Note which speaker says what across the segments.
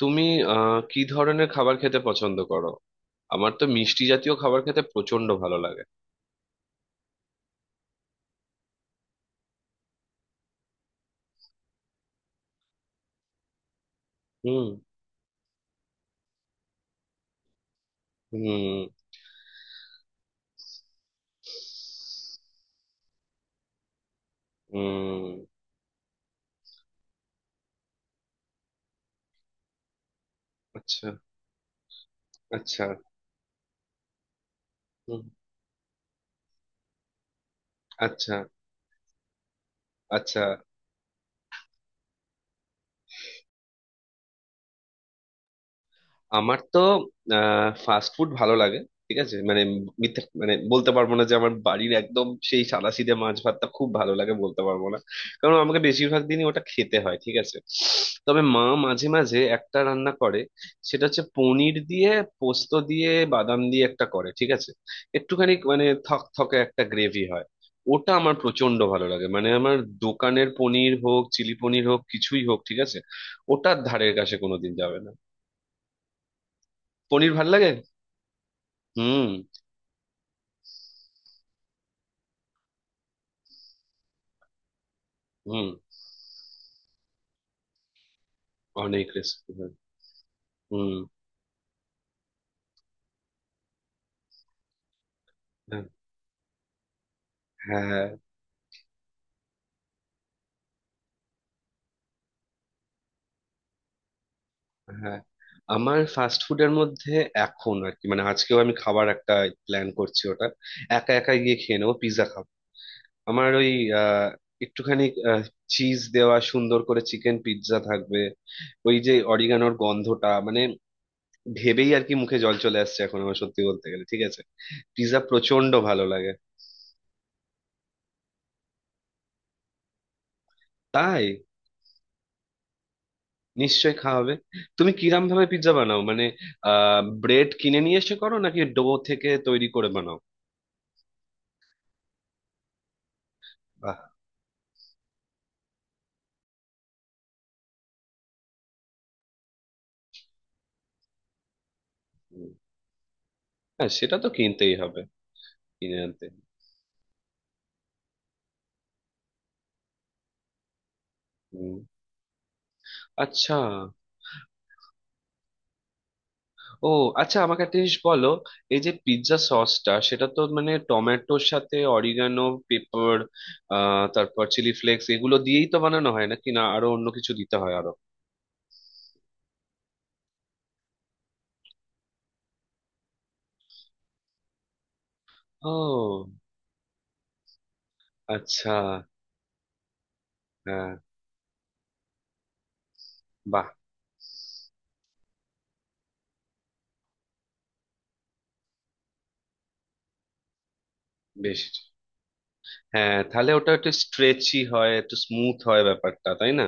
Speaker 1: তুমি কি ধরনের খাবার খেতে পছন্দ করো? আমার তো মিষ্টি জাতীয় খাবার খেতে প্রচন্ড ভালো লাগে। হুম, হুম, হুম। আচ্ছা, আচ্ছা। হুম। আচ্ছা, আচ্ছা। আমার তো ফাস্ট ফুড ভালো লাগে ঠিক আছে, মানে মিথ্যে মানে বলতে পারবো না যে আমার বাড়ির একদম সেই সাদাসিধে মাছ ভাতটা খুব ভালো লাগে, বলতে পারবো না। কারণ আমাকে বেশিরভাগ দিনই ওটা খেতে হয় ঠিক আছে। তবে মা মাঝে মাঝে একটা রান্না করে, সেটা হচ্ছে পনির দিয়ে, পোস্ত দিয়ে, বাদাম দিয়ে একটা করে, ঠিক আছে। একটুখানি মানে থকথকে একটা গ্রেভি হয়, ওটা আমার প্রচন্ড ভালো লাগে। মানে আমার দোকানের পনির হোক, চিলি পনির হোক, কিছুই হোক ঠিক আছে, ওটার ধারের কাছে কোনোদিন যাবে না। পনির ভাল লাগে। হুম, হুম, অনেক রেস্টুরেন্ট। হুম। হ্যাঁ, হ্যাঁ, হ্যাঁ। আমার ফাস্ট ফুডের মধ্যে এখন আর কি, মানে আজকেও আমি খাবার একটা প্ল্যান করছি, ওটা একা একা গিয়ে খেয়ে নেবো, পিৎজা খাবো। আমার ওই আহ, একটুখানি চিজ দেওয়া সুন্দর করে চিকেন পিৎজা থাকবে, ওই যে অরিগানোর গন্ধটা মানে ভেবেই আর কি মুখে জল চলে আসছে এখন আমার, সত্যি বলতে গেলে ঠিক আছে। পিৎজা প্রচন্ড ভালো লাগে। তাই নিশ্চয়ই খাওয়া হবে। তুমি কিরম ভাবে পিৎজা বানাও মানে, ব্রেড কিনে নিয়ে এসে করো নাকি ডো থেকে তৈরি করে বানাও? বাহ। হুম। হ্যাঁ সেটা তো কিনতেই হবে, কিনে আনতে। হুম। আচ্ছা। ও, আচ্ছা, আমাকে একটা জিনিস বলো, এই যে পিৎজা সসটা, সেটা তো মানে টমেটোর সাথে অরিগানো, পেপার, তারপর চিলি ফ্লেক্স, এগুলো দিয়েই তো বানানো হয় নাকি না আরো অন্য কিছু দিতে হয় আরো? ও আচ্ছা। হ্যাঁ। বাহ। বেশ। হ্যাঁ তাহলে ওটা একটু স্ট্রেচি হয়, একটু স্মুথ হয় ব্যাপারটা, তাই না?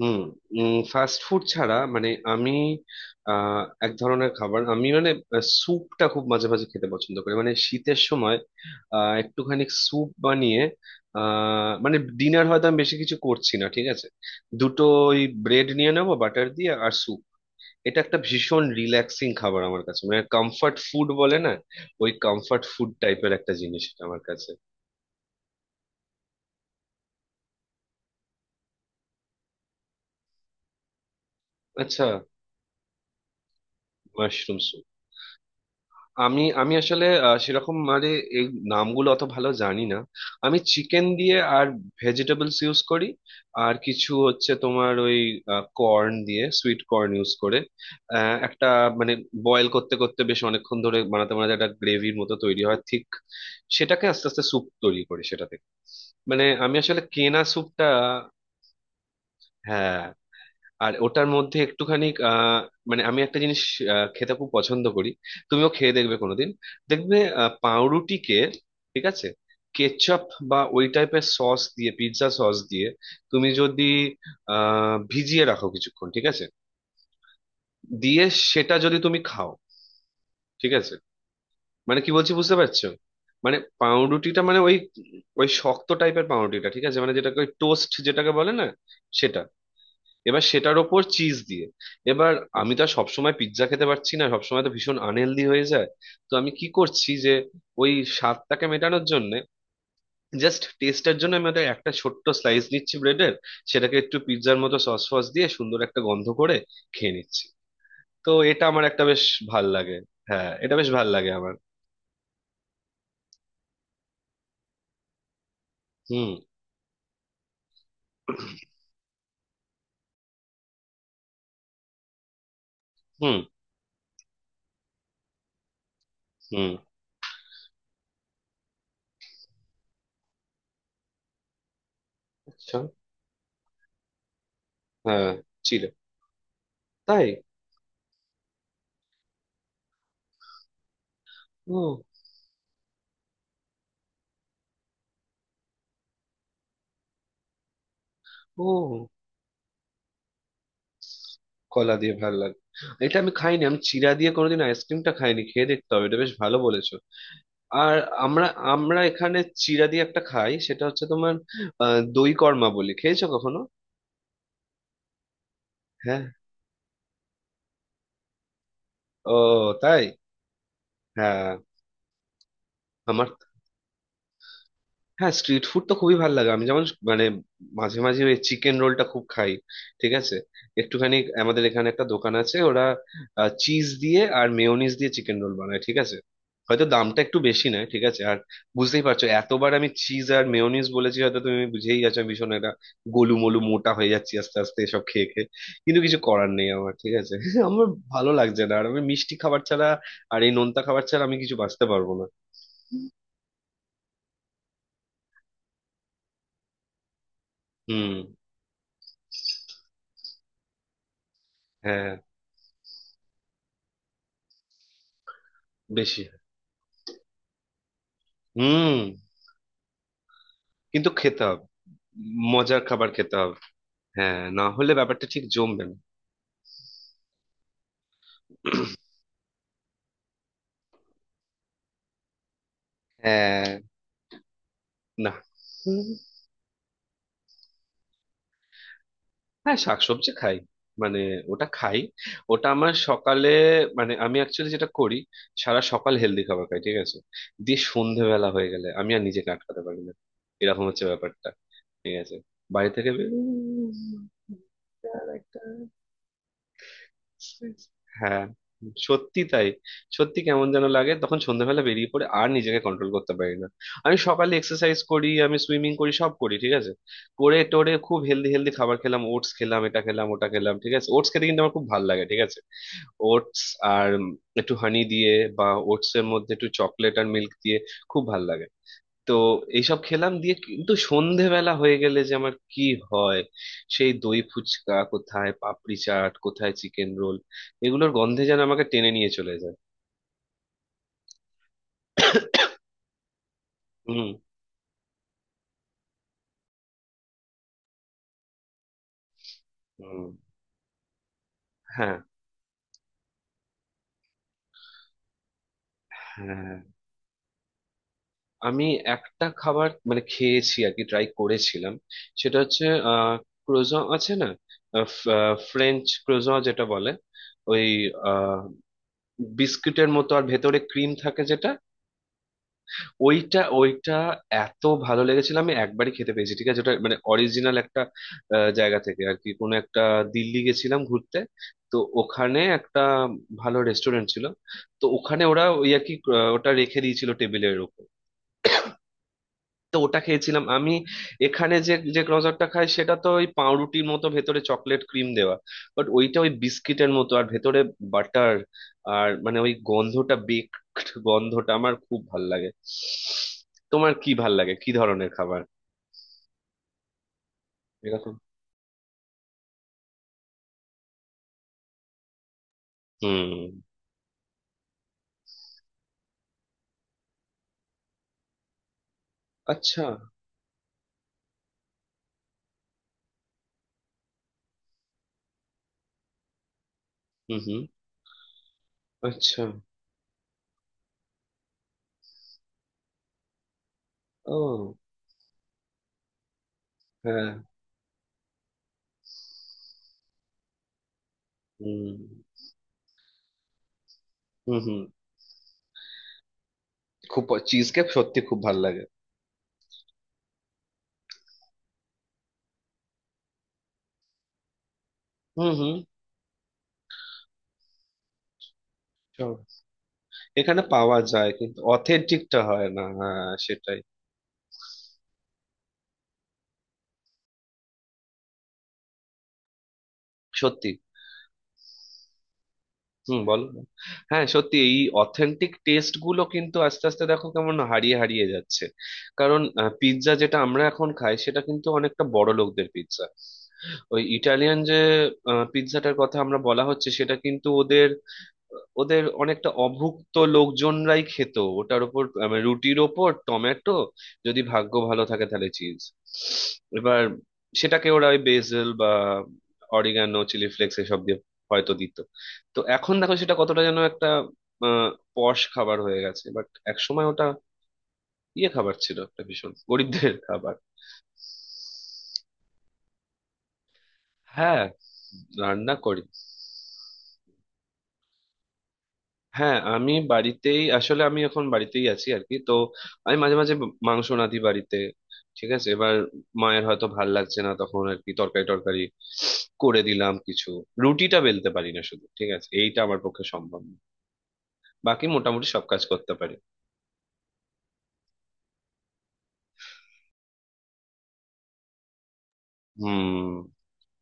Speaker 1: হুম। ফাস্ট ফুড ছাড়া মানে আমি আহ, এক ধরনের খাবার আমি মানে স্যুপটা খুব মাঝে মাঝে খেতে পছন্দ করি, মানে শীতের সময় একটুখানি স্যুপ বানিয়ে মানে ডিনার হয়তো আমি বেশি কিছু করছি না ঠিক আছে, দুটো ওই ব্রেড নিয়ে নেবো বাটার দিয়ে আর স্যুপ। এটা একটা ভীষণ রিল্যাক্সিং খাবার আমার কাছে, মানে কমফর্ট ফুড বলে না, ওই কমফর্ট ফুড টাইপের একটা জিনিস এটা আমার কাছে। আচ্ছা। Mushroom soup. আমি আমি আসলে সেরকম মানে এই নামগুলো অত ভালো জানি না। আমি চিকেন দিয়ে আর ভেজিটেবলস ইউজ করি, আর কিছু হচ্ছে তোমার ওই কর্ন দিয়ে, সুইট কর্ন ইউজ করে একটা মানে বয়েল করতে করতে বেশ অনেকক্ষণ ধরে বানাতে বানাতে একটা গ্রেভির মতো তৈরি হয় ঠিক, সেটাকে আস্তে আস্তে স্যুপ তৈরি করি সেটা থেকে। মানে আমি আসলে কেনা স্যুপটা। হ্যাঁ। আর ওটার মধ্যে একটুখানি মানে আমি একটা জিনিস খেতে খুব পছন্দ করি, তুমিও খেয়ে দেখবে কোনোদিন। দেখবে, পাউরুটিকে ঠিক আছে, কেচাপ বা ওই টাইপের সস দিয়ে, পিৎজা সস দিয়ে তুমি যদি ভিজিয়ে রাখো কিছুক্ষণ ঠিক আছে, দিয়ে সেটা যদি তুমি খাও ঠিক আছে, মানে কি বলছি বুঝতে পারছো? মানে পাউরুটিটা মানে ওই, ওই শক্ত টাইপের পাউরুটিটা ঠিক আছে, মানে যেটাকে ওই টোস্ট যেটাকে বলে না, সেটা এবার সেটার ওপর চিজ দিয়ে এবার। আমি তো আর সবসময় পিৎজা খেতে পারছি না, সবসময় তো ভীষণ আনহেলদি হয়ে যায়। তো আমি কি করছি যে ওই স্বাদটাকে মেটানোর জন্য, জাস্ট টেস্টের জন্য আমি ওটা একটা ছোট্ট স্লাইস নিচ্ছি ব্রেডের, সেটাকে একটু পিৎজার মতো সস ফস দিয়ে সুন্দর একটা গন্ধ করে খেয়ে নিচ্ছি। তো এটা আমার একটা বেশ ভাল লাগে, হ্যাঁ এটা বেশ ভাল লাগে আমার। হুম, হুম, হুম। আচ্ছা। হ্যাঁ। ছিল। তাই। ও। ও, কলা দিয়ে ভালো লাগে? এটা আমি খাইনি, আমি চিড়া দিয়ে কোনোদিন আইসক্রিমটা খাইনি, খেয়ে দেখতে হবে, এটা বেশ ভালো বলেছো। আর আমরা, আমরা এখানে চিড়া দিয়ে একটা খাই, সেটা হচ্ছে তোমার দই কর্মা বলি, খেয়েছো কখনো? হ্যাঁ। ও, তাই। হ্যাঁ। আমার হ্যাঁ স্ট্রিট ফুড তো খুবই ভালো লাগে। আমি যেমন মানে মাঝে মাঝে ওই চিকেন রোলটা খুব খাই ঠিক আছে, একটুখানি আমাদের এখানে একটা দোকান আছে, ওরা চিজ দিয়ে আর মেয়োনিজ দিয়ে চিকেন রোল বানায় ঠিক আছে, হয়তো দামটা একটু বেশি নেয় ঠিক আছে। আর বুঝতেই পারছো এতবার আমি চিজ আর মেয়োনিজ বলেছি, হয়তো তুমি বুঝেই গেছো আমি ভীষণ একটা গোলু মোলু মোটা হয়ে যাচ্ছি আস্তে আস্তে এসব খেয়ে খেয়ে। কিন্তু কিছু করার নেই আমার, ঠিক আছে। আমার ভালো লাগছে না। আর আমি মিষ্টি খাবার ছাড়া আর এই নোনতা খাবার ছাড়া আমি কিছু বাঁচতে পারবো না। হুম। হ্যাঁ, হ্যাঁ, বেশি। হুম। কিন্তু খেতে হবে। মজার খাবার খেতে হবে। হ্যাঁ, না হলে ব্যাপারটা ঠিক জমবে না। হ্যাঁ। না। হুম, হ্যাঁ শাকসবজি খাই, মানে ওটা খাই, ওটা আমার সকালে, মানে আমি অ্যাকচুয়ালি যেটা করি সারা সকাল হেলদি খাবার খাই ঠিক আছে, দিয়ে সন্ধেবেলা হয়ে গেলে আমি আর নিজেকে আটকাতে পারি না, এরকম হচ্ছে ব্যাপারটা ঠিক আছে। বাড়ি থেকে বের- হ্যাঁ সত্যি তাই, সত্যি কেমন যেন লাগে তখন সন্ধ্যাবেলা, বেরিয়ে পড়ে আর নিজেকে কন্ট্রোল করতে পারি না। আমি সকালে এক্সারসাইজ করি, আমি সুইমিং করি, সব করি ঠিক আছে, করে টোরে খুব হেলদি হেলদি খাবার খেলাম, ওটস খেলাম, এটা খেলাম, ওটা খেলাম ঠিক আছে, ওটস খেতে কিন্তু আমার খুব ভালো লাগে ঠিক আছে, ওটস আর একটু হানি দিয়ে বা ওটস এর মধ্যে একটু চকলেট আর মিল্ক দিয়ে খুব ভালো লাগে। তো এইসব খেলাম দিয়ে কিন্তু সন্ধেবেলা হয়ে গেলে যে আমার কি হয়, সেই দই ফুচকা কোথায়, পাপড়ি চাট কোথায়, চিকেন রোল, এগুলোর গন্ধে যেন আমাকে টেনে নিয়ে চলে যায়। হুম। হুম। হ্যাঁ। হ্যাঁ। আমি একটা খাবার মানে খেয়েছি আর কি, ট্রাই করেছিলাম, সেটা হচ্ছে আহ ক্রোজন আছে না, ফ্রেঞ্চ ক্রোজন যেটা বলে, ওই আহ বিস্কুটের মতো আর ভেতরে ক্রিম থাকে যেটা, ওইটা ওইটা এত ভালো লেগেছিল। আমি একবারই খেতে পেয়েছি ঠিক আছে, ওটা মানে অরিজিনাল একটা জায়গা থেকে আর কি, কোনো একটা দিল্লি গেছিলাম ঘুরতে, তো ওখানে একটা ভালো রেস্টুরেন্ট ছিল, তো ওখানে ওরা ওই আর কি ওটা রেখে দিয়েছিল টেবিলের উপর, তো ওটা খেয়েছিলাম আমি। এখানে যে যে ক্রজারটা খাই সেটা তো ওই পাউরুটির মতো ভেতরে চকলেট ক্রিম দেওয়া, বাট ওইটা ওই বিস্কিটের মতো আর ভেতরে বাটার, আর মানে ওই গন্ধটা, বেকড গন্ধটা আমার খুব ভাল লাগে। তোমার কি ভাল লাগে, কি ধরনের খাবার? এরকম। হুম। আচ্ছা। হুম, হুম। আচ্ছা। ও। হ্যাঁ। হুম, হুম, হুম। খুব, চিজ কেক সত্যি খুব ভাল লাগে। হুম, হুম। চলো। এখানে পাওয়া যায় কিন্তু অথেন্টিকটা হয় না, হ্যাঁ সেটাই। সত্যি। হুম, বলো। হ্যাঁ সত্যি এই অথেন্টিক টেস্ট গুলো কিন্তু আস্তে আস্তে দেখো কেমন হারিয়ে হারিয়ে যাচ্ছে। কারণ পিৎজা যেটা আমরা এখন খাই সেটা কিন্তু অনেকটা বড় লোকদের পিৎজা, ওই ইটালিয়ান যে পিৎজাটার কথা আমরা বলা হচ্ছে সেটা কিন্তু ওদের অনেকটা অভুক্ত লোকজনরাই খেত। ওটার উপর রুটির ওপর টমেটো, যদি ভাগ্য ভালো থাকে তাহলে চিজ, এবার সেটাকে ওরা ওই বেসেল বা অরিগানো, চিলি ফ্লেক্স এসব দিয়ে হয়তো দিত। তো এখন দেখো সেটা কতটা যেন একটা আহ পশ খাবার হয়ে গেছে, বাট এক সময় ওটা ইয়ে খাবার ছিল, একটা ভীষণ গরিবদের খাবার। হ্যাঁ, রান্না করি। হ্যাঁ আমি বাড়িতেই, আসলে আমি এখন বাড়িতেই আছি আর কি, তো আমি মাঝে মাঝে মাংস রাঁধি বাড়িতে ঠিক আছে, এবার মায়ের হয়তো ভাল লাগছে না তখন আর কি তরকারি টরকারি করে দিলাম কিছু। রুটিটা বেলতে পারি না শুধু, ঠিক আছে এইটা আমার পক্ষে সম্ভব না, বাকি মোটামুটি সব কাজ করতে পারি। হুম,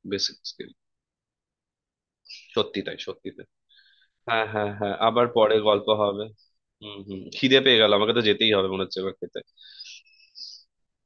Speaker 1: বেসিক স্কিল। সত্যি তাই, সত্যি তাই। হ্যাঁ, হ্যাঁ, হ্যাঁ, আবার পরে গল্প হবে। হুম, হুম, খিদে পেয়ে গেল, আমাকে তো যেতেই হবে মনে হচ্ছে এবার খেতে।